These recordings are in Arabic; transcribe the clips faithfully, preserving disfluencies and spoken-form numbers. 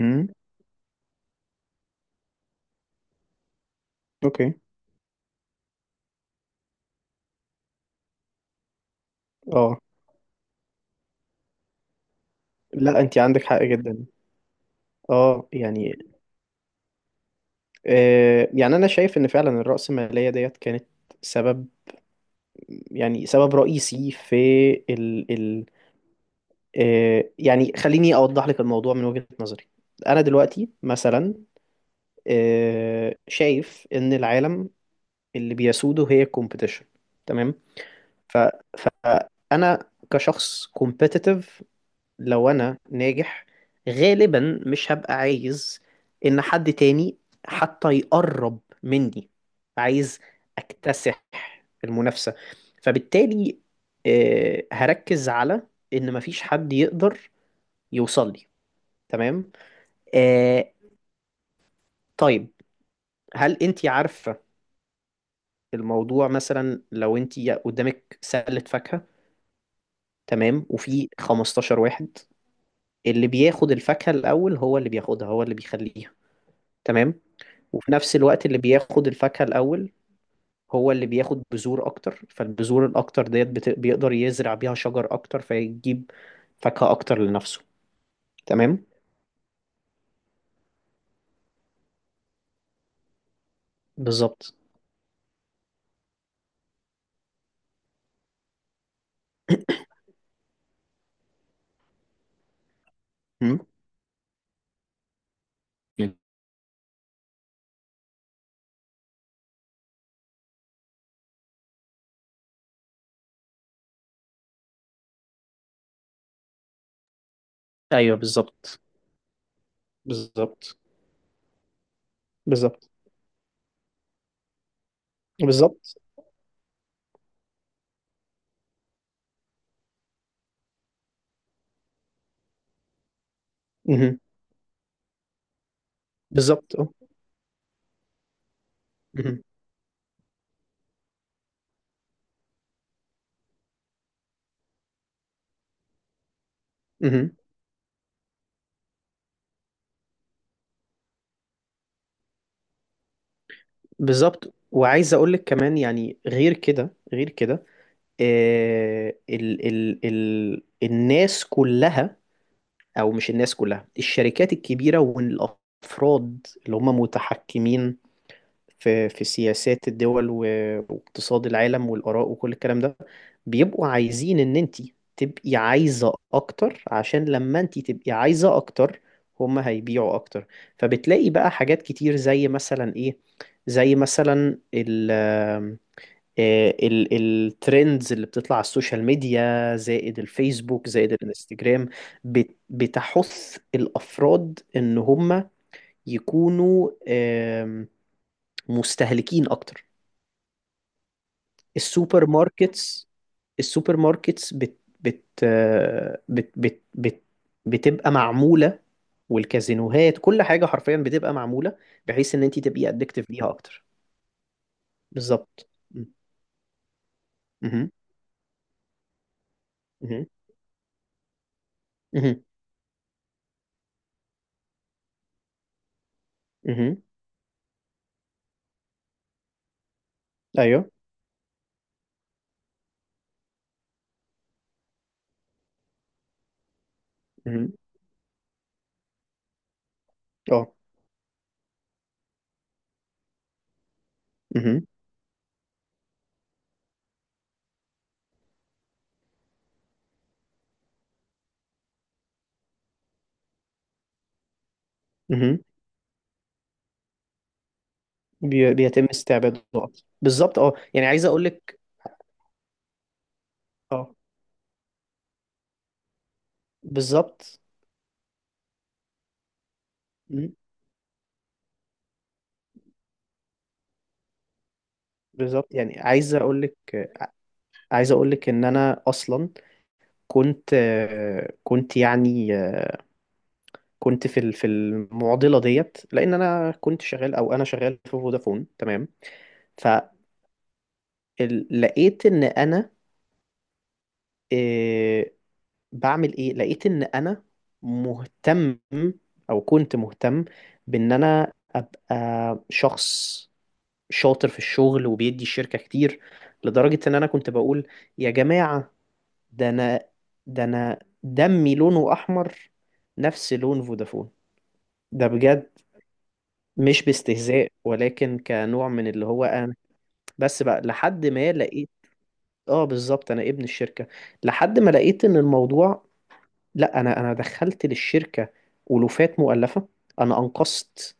امم اوكي. اه لا، انت عندك حق جدا. اه يعني آه يعني انا شايف ان فعلا الرأسمالية ديت كانت سبب، يعني سبب رئيسي في ال ال آه يعني خليني اوضح لك الموضوع من وجهة نظري. انا دلوقتي مثلا آه شايف ان العالم اللي بيسوده هي الكومبيتيشن. تمام. ف فانا كشخص competitive، لو انا ناجح غالبا مش هبقى عايز ان حد تاني حتى يقرب مني. عايز اكتسح المنافسة، فبالتالي آه، هركز على ان مفيش حد يقدر يوصل لي. تمام. آه، طيب، هل انت عارفة الموضوع؟ مثلا لو انت قدامك سلة فاكهة، تمام، وفي خمستاشر واحد، اللي بياخد الفاكهة الاول هو اللي بياخدها، هو اللي بيخليها. تمام. وفي نفس الوقت اللي بياخد الفاكهة الأول هو اللي بياخد بذور أكتر، فالبذور الأكتر ديت بت... بيقدر يزرع بيها شجر أكتر فيجيب فاكهة أكتر لنفسه. تمام. بالظبط. مم. أيوه، بالظبط. بالظبط. بالظبط. بالظبط. مهم. بالظبط. أه. مهم. مهم. بالظبط، وعايز أقول لك كمان، يعني غير كده غير كده آه... ال... ال... ال... الناس كلها، او مش الناس كلها، الشركات الكبيره والافراد اللي هم متحكمين في في سياسات الدول و- واقتصاد العالم والاراء وكل الكلام ده، بيبقوا عايزين ان انت تبقي عايزه اكتر، عشان لما انت تبقي عايزه اكتر هم هيبيعوا اكتر. فبتلاقي بقى حاجات كتير زي مثلا ايه زي مثلا ال آه، ال- الترندز اللي بتطلع على السوشيال ميديا زائد الفيسبوك زائد الانستجرام. بت- بتحث الأفراد إن هم يكونوا آم، مستهلكين أكتر. السوبر ماركتس السوبر ماركتس بت بت آه، بت بت بت بتبقى معمولة، والكازينوهات كل حاجة حرفيا بتبقى معمولة بحيث إن أنت تبقي أدكتيف ليها أكتر. بالظبط. م- مهم. مهم. مهم. مهم. أيوه. مهم. أه. مهم. مهم. بي- بيتم استعباده أصلاً. بالظبط. اه يعني عايز اقول لك. اه، بالظبط. مم. بالظبط، يعني عايز اقول لك عايز اقول لك ان انا اصلا كنت آه، كنت يعني آه، كنت في ال- في المعضله ديت، لان انا كنت شغال، او انا شغال في فودافون. تمام. فلقيت ان انا، آه، بعمل ايه، لقيت ان انا مهتم، او كنت مهتم بان انا ابقى شخص شاطر في الشغل وبيدي الشركة كتير، لدرجة ان انا كنت بقول: يا جماعة، ده انا ده انا دمي لونه احمر، نفس لون فودافون. ده بجد، مش باستهزاء، ولكن كنوع من اللي هو انا. بس بقى لحد ما لقيت. اه، بالظبط، انا ابن الشركة. لحد ما لقيت ان الموضوع، لا، انا انا دخلت للشركة ألوفات مؤلفة، انا انقذت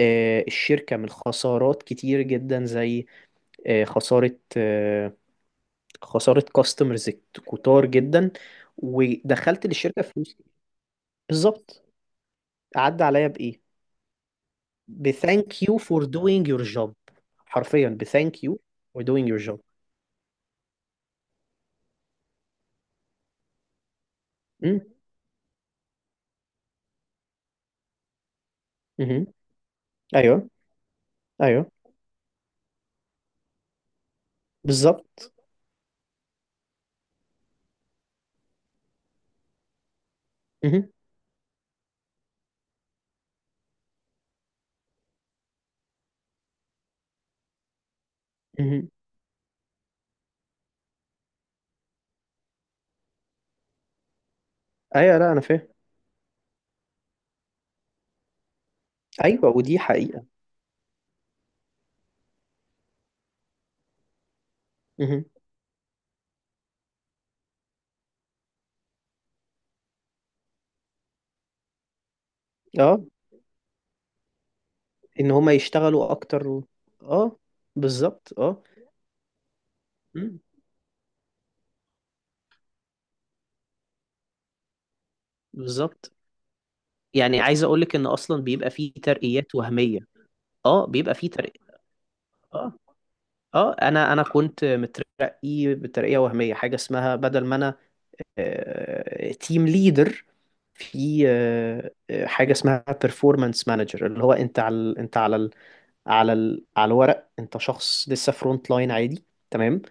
آه، الشركة من خسارات كتير جدا، زي آه، خسارة آه، خساره كاستمرز كتار جدا، ودخلت للشركه فلوس. بالظبط. عدى عليا بايه؟ بثانك يو فور دوينج يور جوب. حرفيا، بثانك يو فور دوينج يور جوب. ايوه. ايوه، بالظبط. مهم. مهم. ايوه، لا، انا فاهم. ايوه، ودي حقيقه. مهم. اه، ان هما يشتغلوا اكتر و... اه، بالظبط. اه. مم. بالظبط، يعني عايز اقول لك ان اصلا بيبقى فيه ترقيات وهميه. اه، بيبقى فيه ترقية. اه. اه، انا انا كنت مترقي بترقيه وهميه، حاجه اسمها بدل ما انا تيم ليدر، في آه، آه، حاجه اسمها performance manager، اللي هو انت على انت على على ال... على الورق انت شخص لسه فرونت لاين عادي. تمام.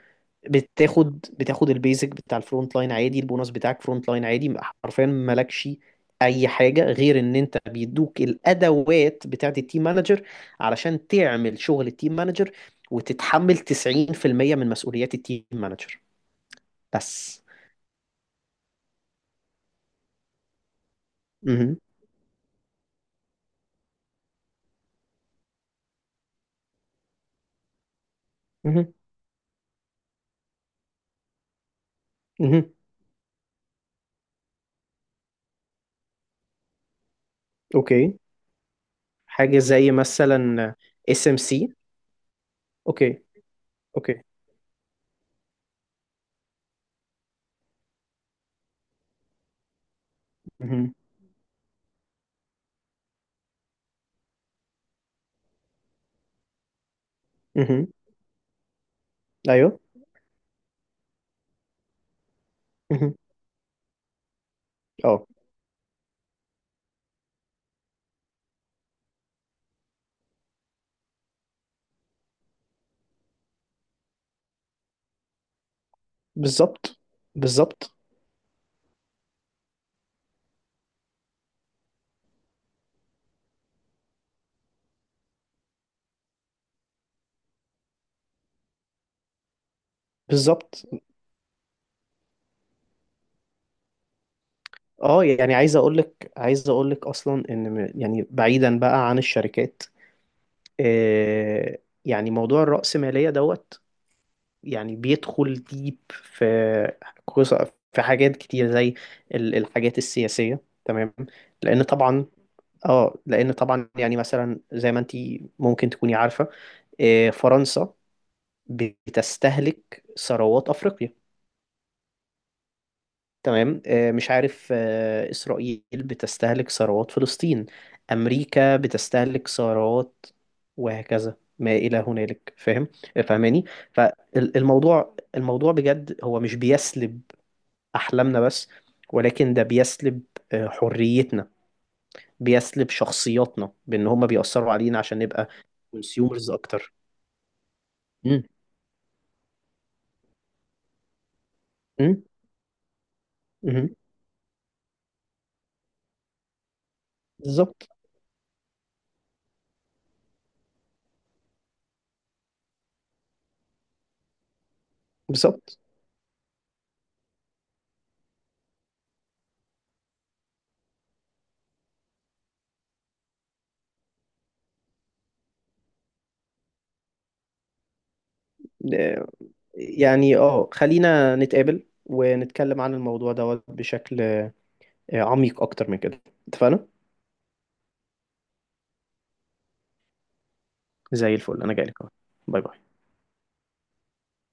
بتاخد بتاخد البيزك بتاع الفرونت لاين عادي، البونص بتاعك فرونت لاين عادي. حرفيا مالكش اي حاجه غير ان انت بيدوك الادوات بتاعت التيم مانجر علشان تعمل شغل التيم مانجر، وتتحمل تسعين في المية من مسؤوليات التيم مانجر بس. مهم. مهم. مهم. اوكي. حاجه زي مثلا اس ام سي. اوكي. اوكي. مهم. مهم. ايوه. مهم. اه، بالظبط. بالظبط. بالظبط. اه يعني عايز اقول لك عايز اقول لك اصلا، ان م- يعني بعيدا بقى عن الشركات، آه يعني موضوع الرأسمالية دوت، يعني بيدخل ديب في قص- في حاجات كتير زي ال- الحاجات السياسية. تمام. لان طبعا، اه لان طبعا يعني مثلا زي ما انت ممكن تكوني عارفة، آه فرنسا بتستهلك ثروات افريقيا. تمام. آه، مش عارف، آه، إسرائيل بتستهلك ثروات فلسطين، أمريكا بتستهلك ثروات، وهكذا ما إلى هنالك، فاهم؟ آه، فاهماني؟ فالموضوع، الموضوع بجد هو مش بيسلب أحلامنا بس، ولكن ده بيسلب آه، حريتنا، بيسلب شخصياتنا بأن هما بيأثروا علينا عشان نبقى كونسيومرز أكتر. مم. مم. مم. بالظبط. بالظبط. آه، يعني اه خلينا نتقابل ونتكلم عن الموضوع دوت بشكل آه، عميق اكتر من كده. اتفقنا. زي الفل. انا جايلك اهو. باي باي.